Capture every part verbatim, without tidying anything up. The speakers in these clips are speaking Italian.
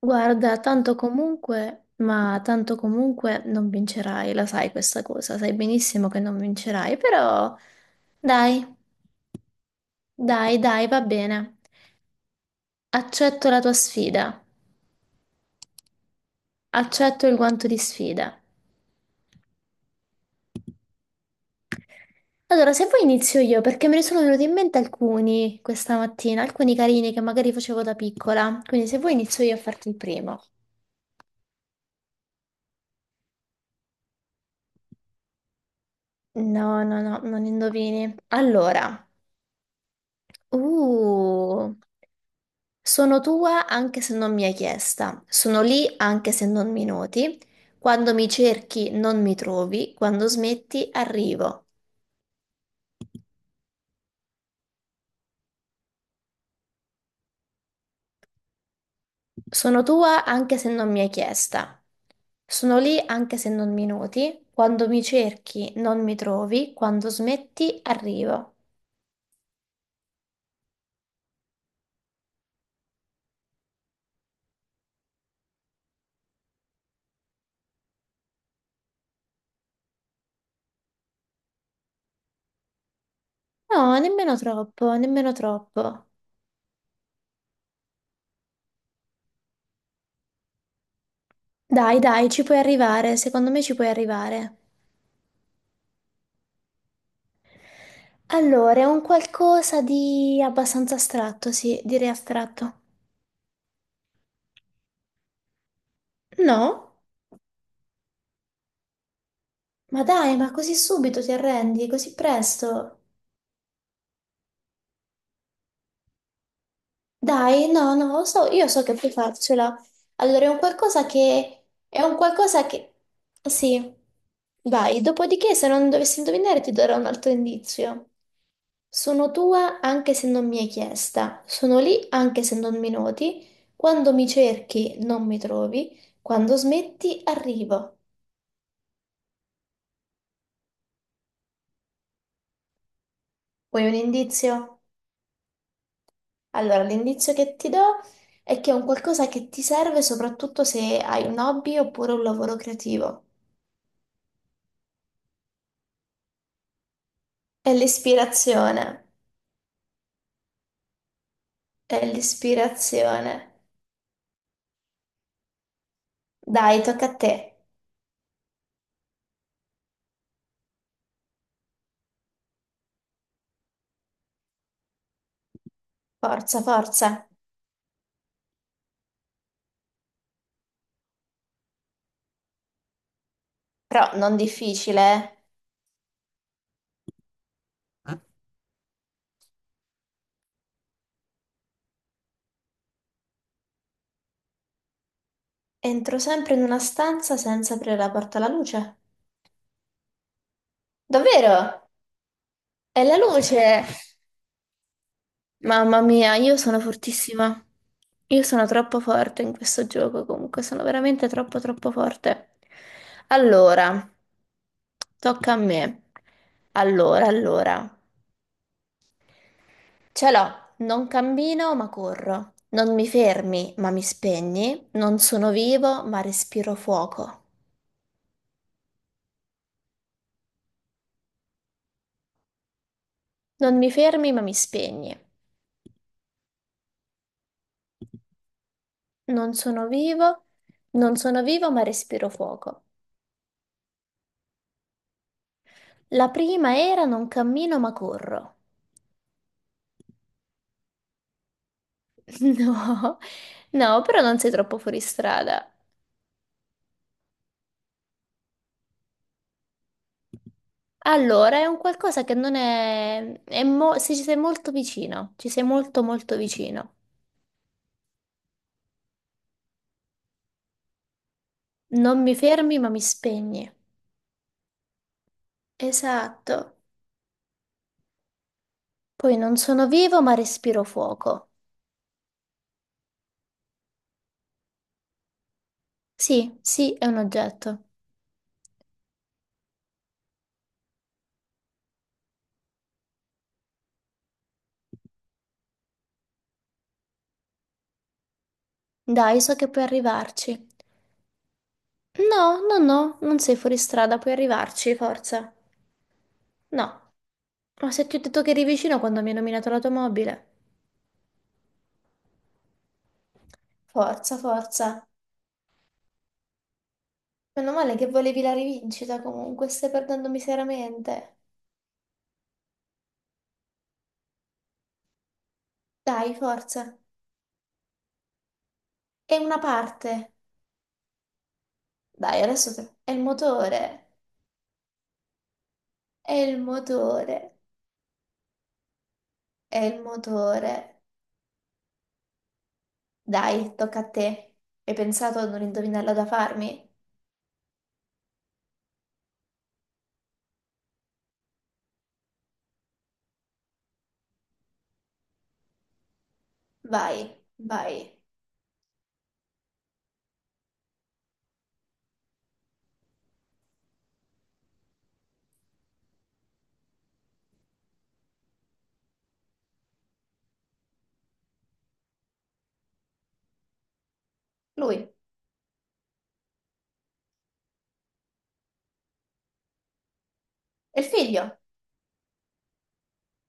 Guarda, tanto comunque, ma tanto comunque non vincerai, la sai questa cosa, sai benissimo che non vincerai, però dai, dai, dai, va bene. Accetto la tua sfida, accetto il guanto di sfida. Allora, se vuoi inizio io, perché me ne sono venuti in mente alcuni questa mattina, alcuni carini che magari facevo da piccola, quindi se vuoi inizio io a farti il primo. No, no, no, non indovini. Allora, uh. Sono tua anche se non mi hai chiesta, sono lì anche se non mi noti, quando mi cerchi non mi trovi, quando smetti arrivo. Sono tua anche se non mi hai chiesta, sono lì anche se non mi noti, quando mi cerchi non mi trovi, quando smetti arrivo. No, nemmeno troppo, nemmeno troppo. Dai, dai, ci puoi arrivare, secondo me ci puoi arrivare. Allora, è un qualcosa di abbastanza astratto, sì, direi astratto. No? Ma dai, ma così subito ti arrendi, così presto? Dai, no, no, lo so, io so che puoi farcela. Allora, è un qualcosa che è un qualcosa che Sì, vai. Dopodiché, se non dovessi indovinare, ti darò un altro indizio. Sono tua anche se non mi hai chiesta. Sono lì anche se non mi noti. Quando mi cerchi, non mi trovi. Quando smetti, arrivo. Vuoi un indizio? Allora, l'indizio che ti do è che è un qualcosa che ti serve soprattutto se hai un hobby oppure un lavoro creativo. È l'ispirazione, è l'ispirazione. Dai, tocca a te. Forza, forza. Però non difficile, eh. Entro sempre in una stanza senza aprire la porta alla luce. Davvero? È la luce! Mamma mia, io sono fortissima. Io sono troppo forte in questo gioco, comunque sono veramente troppo troppo forte. Allora, tocca a me. Allora, allora. Ce l'ho, non cammino ma corro. Non mi fermi ma mi spegni. Non sono vivo ma respiro fuoco. Non mi fermi ma mi spegni. Non sono vivo, non sono vivo ma respiro fuoco. La prima era non cammino ma corro. No, no, però non sei troppo fuori strada. Allora, è un qualcosa che non è è mo- se ci sei molto vicino, ci sei molto molto vicino. Non mi fermi, ma mi spegni. Esatto. Poi non sono vivo, ma respiro fuoco. Sì, sì, è un oggetto. Dai, so che puoi arrivarci. No, no, no, non sei fuori strada, puoi arrivarci, forza. No, ma se ti ho detto che eri vicino quando mi hai nominato l'automobile. Forza, forza. Meno male che volevi la rivincita comunque, stai perdendo miseramente. Dai, forza. È una parte. Dai, adesso te- è il motore. È il motore. È il motore. Dai, tocca a te. Hai pensato ad un indovinello da farmi? Vai, vai. Lui. È il figlio.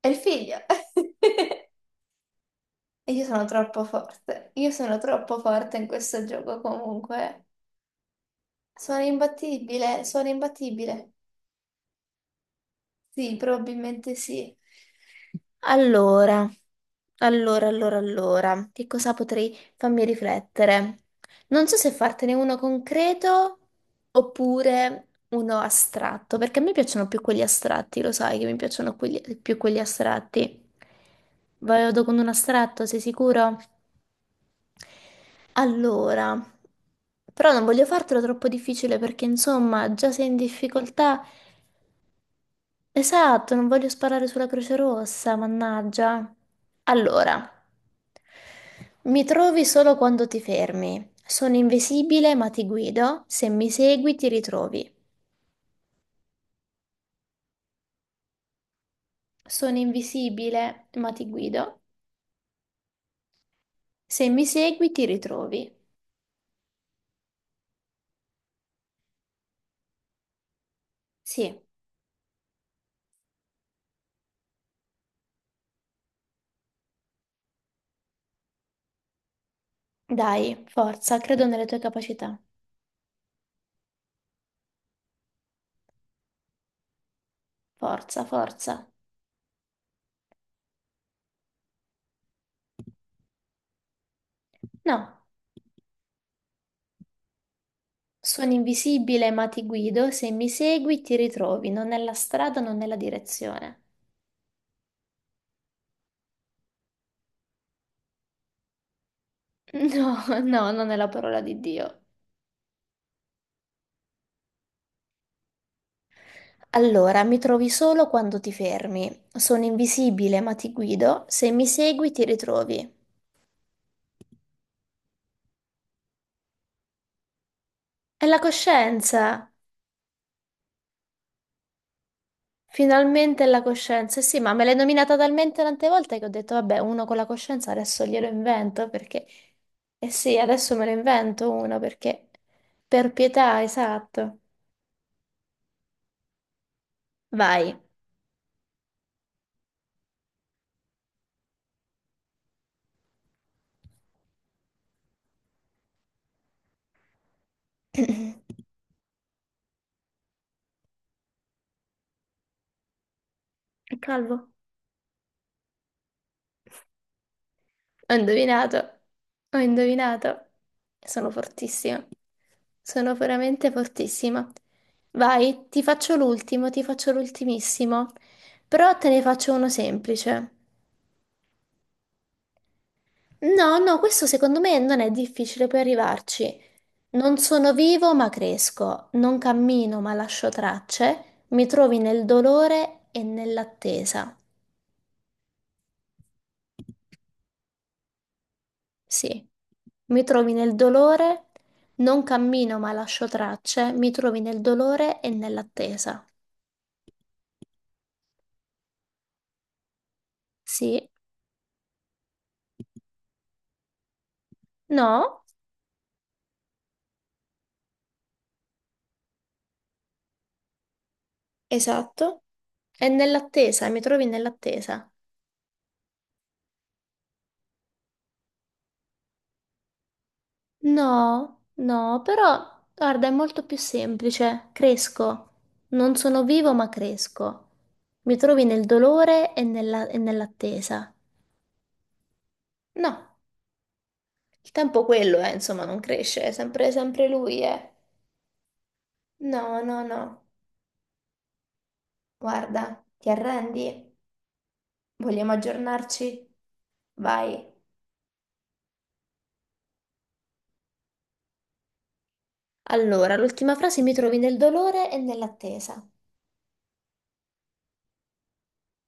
È il figlio. E io sono troppo forte. Io sono troppo forte in questo gioco comunque. Sono imbattibile, sono imbattibile. Sì, probabilmente sì. Allora, allora, allora, allora, che cosa potrei farmi riflettere? Non so se fartene uno concreto oppure uno astratto, perché a me piacciono più quelli astratti, lo sai che mi piacciono quelli- più quelli astratti. Vado con un astratto, sei sicuro? Allora, però non voglio fartelo troppo difficile perché insomma, già sei in difficoltà. Esatto, non voglio sparare sulla Croce Rossa, mannaggia. Allora, mi trovi solo quando ti fermi. Sono invisibile, ma ti guido. Se mi segui, ti ritrovi. Sono invisibile, ma ti guido. Se mi segui, ti ritrovi. Sì, dai, forza, credo nelle tue capacità. Forza, forza. No, sono invisibile, ma ti guido. Se mi segui, ti ritrovi. Non è la strada, non è la direzione. No, no, non è la parola di Dio. Allora, mi trovi solo quando ti fermi. Sono invisibile, ma ti guido. Se mi segui, ti ritrovi. È la coscienza. Finalmente è la coscienza. Sì, ma me l'hai nominata talmente tante volte che ho detto, vabbè, uno con la coscienza adesso glielo invento perché Eh sì, adesso me lo invento uno perché Per pietà, esatto. Vai. È calvo. Ho indovinato, ho indovinato. Sono fortissima. Sono veramente fortissima. Vai, ti faccio l'ultimo, ti faccio l'ultimissimo. Però te ne faccio uno semplice. No, no, questo secondo me non è difficile, puoi arrivarci. Non sono vivo, ma cresco. Non cammino, ma lascio tracce. Mi trovi nel dolore e nell'attesa. Sì, mi trovi nel dolore, non cammino ma lascio tracce, mi trovi nel dolore e nell'attesa. Sì, no, esatto. E nell'attesa, mi trovi nell'attesa. No, no, però guarda, è molto più semplice. Cresco. Non sono vivo ma cresco. Mi trovi nel dolore e nella- e nell'attesa. No, il tempo quello è, insomma, non cresce, è sempre, sempre lui, eh. No, no, no. Guarda, ti arrendi? Vogliamo aggiornarci? Vai. Allora, l'ultima frase mi trovi nel dolore e nell'attesa.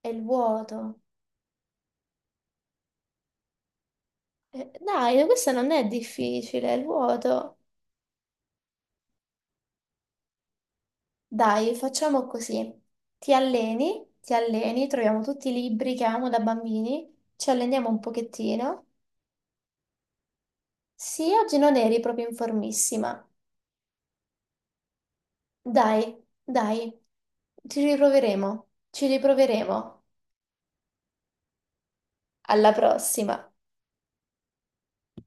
È il vuoto. Eh, dai, questo non è difficile, è il vuoto. Dai, facciamo così. Ti alleni, ti alleni, troviamo tutti i libri che amo da bambini, ci alleniamo un pochettino. Sì, oggi non eri proprio in formissima. Dai, dai, ci riproveremo, ci riproveremo. Alla prossima.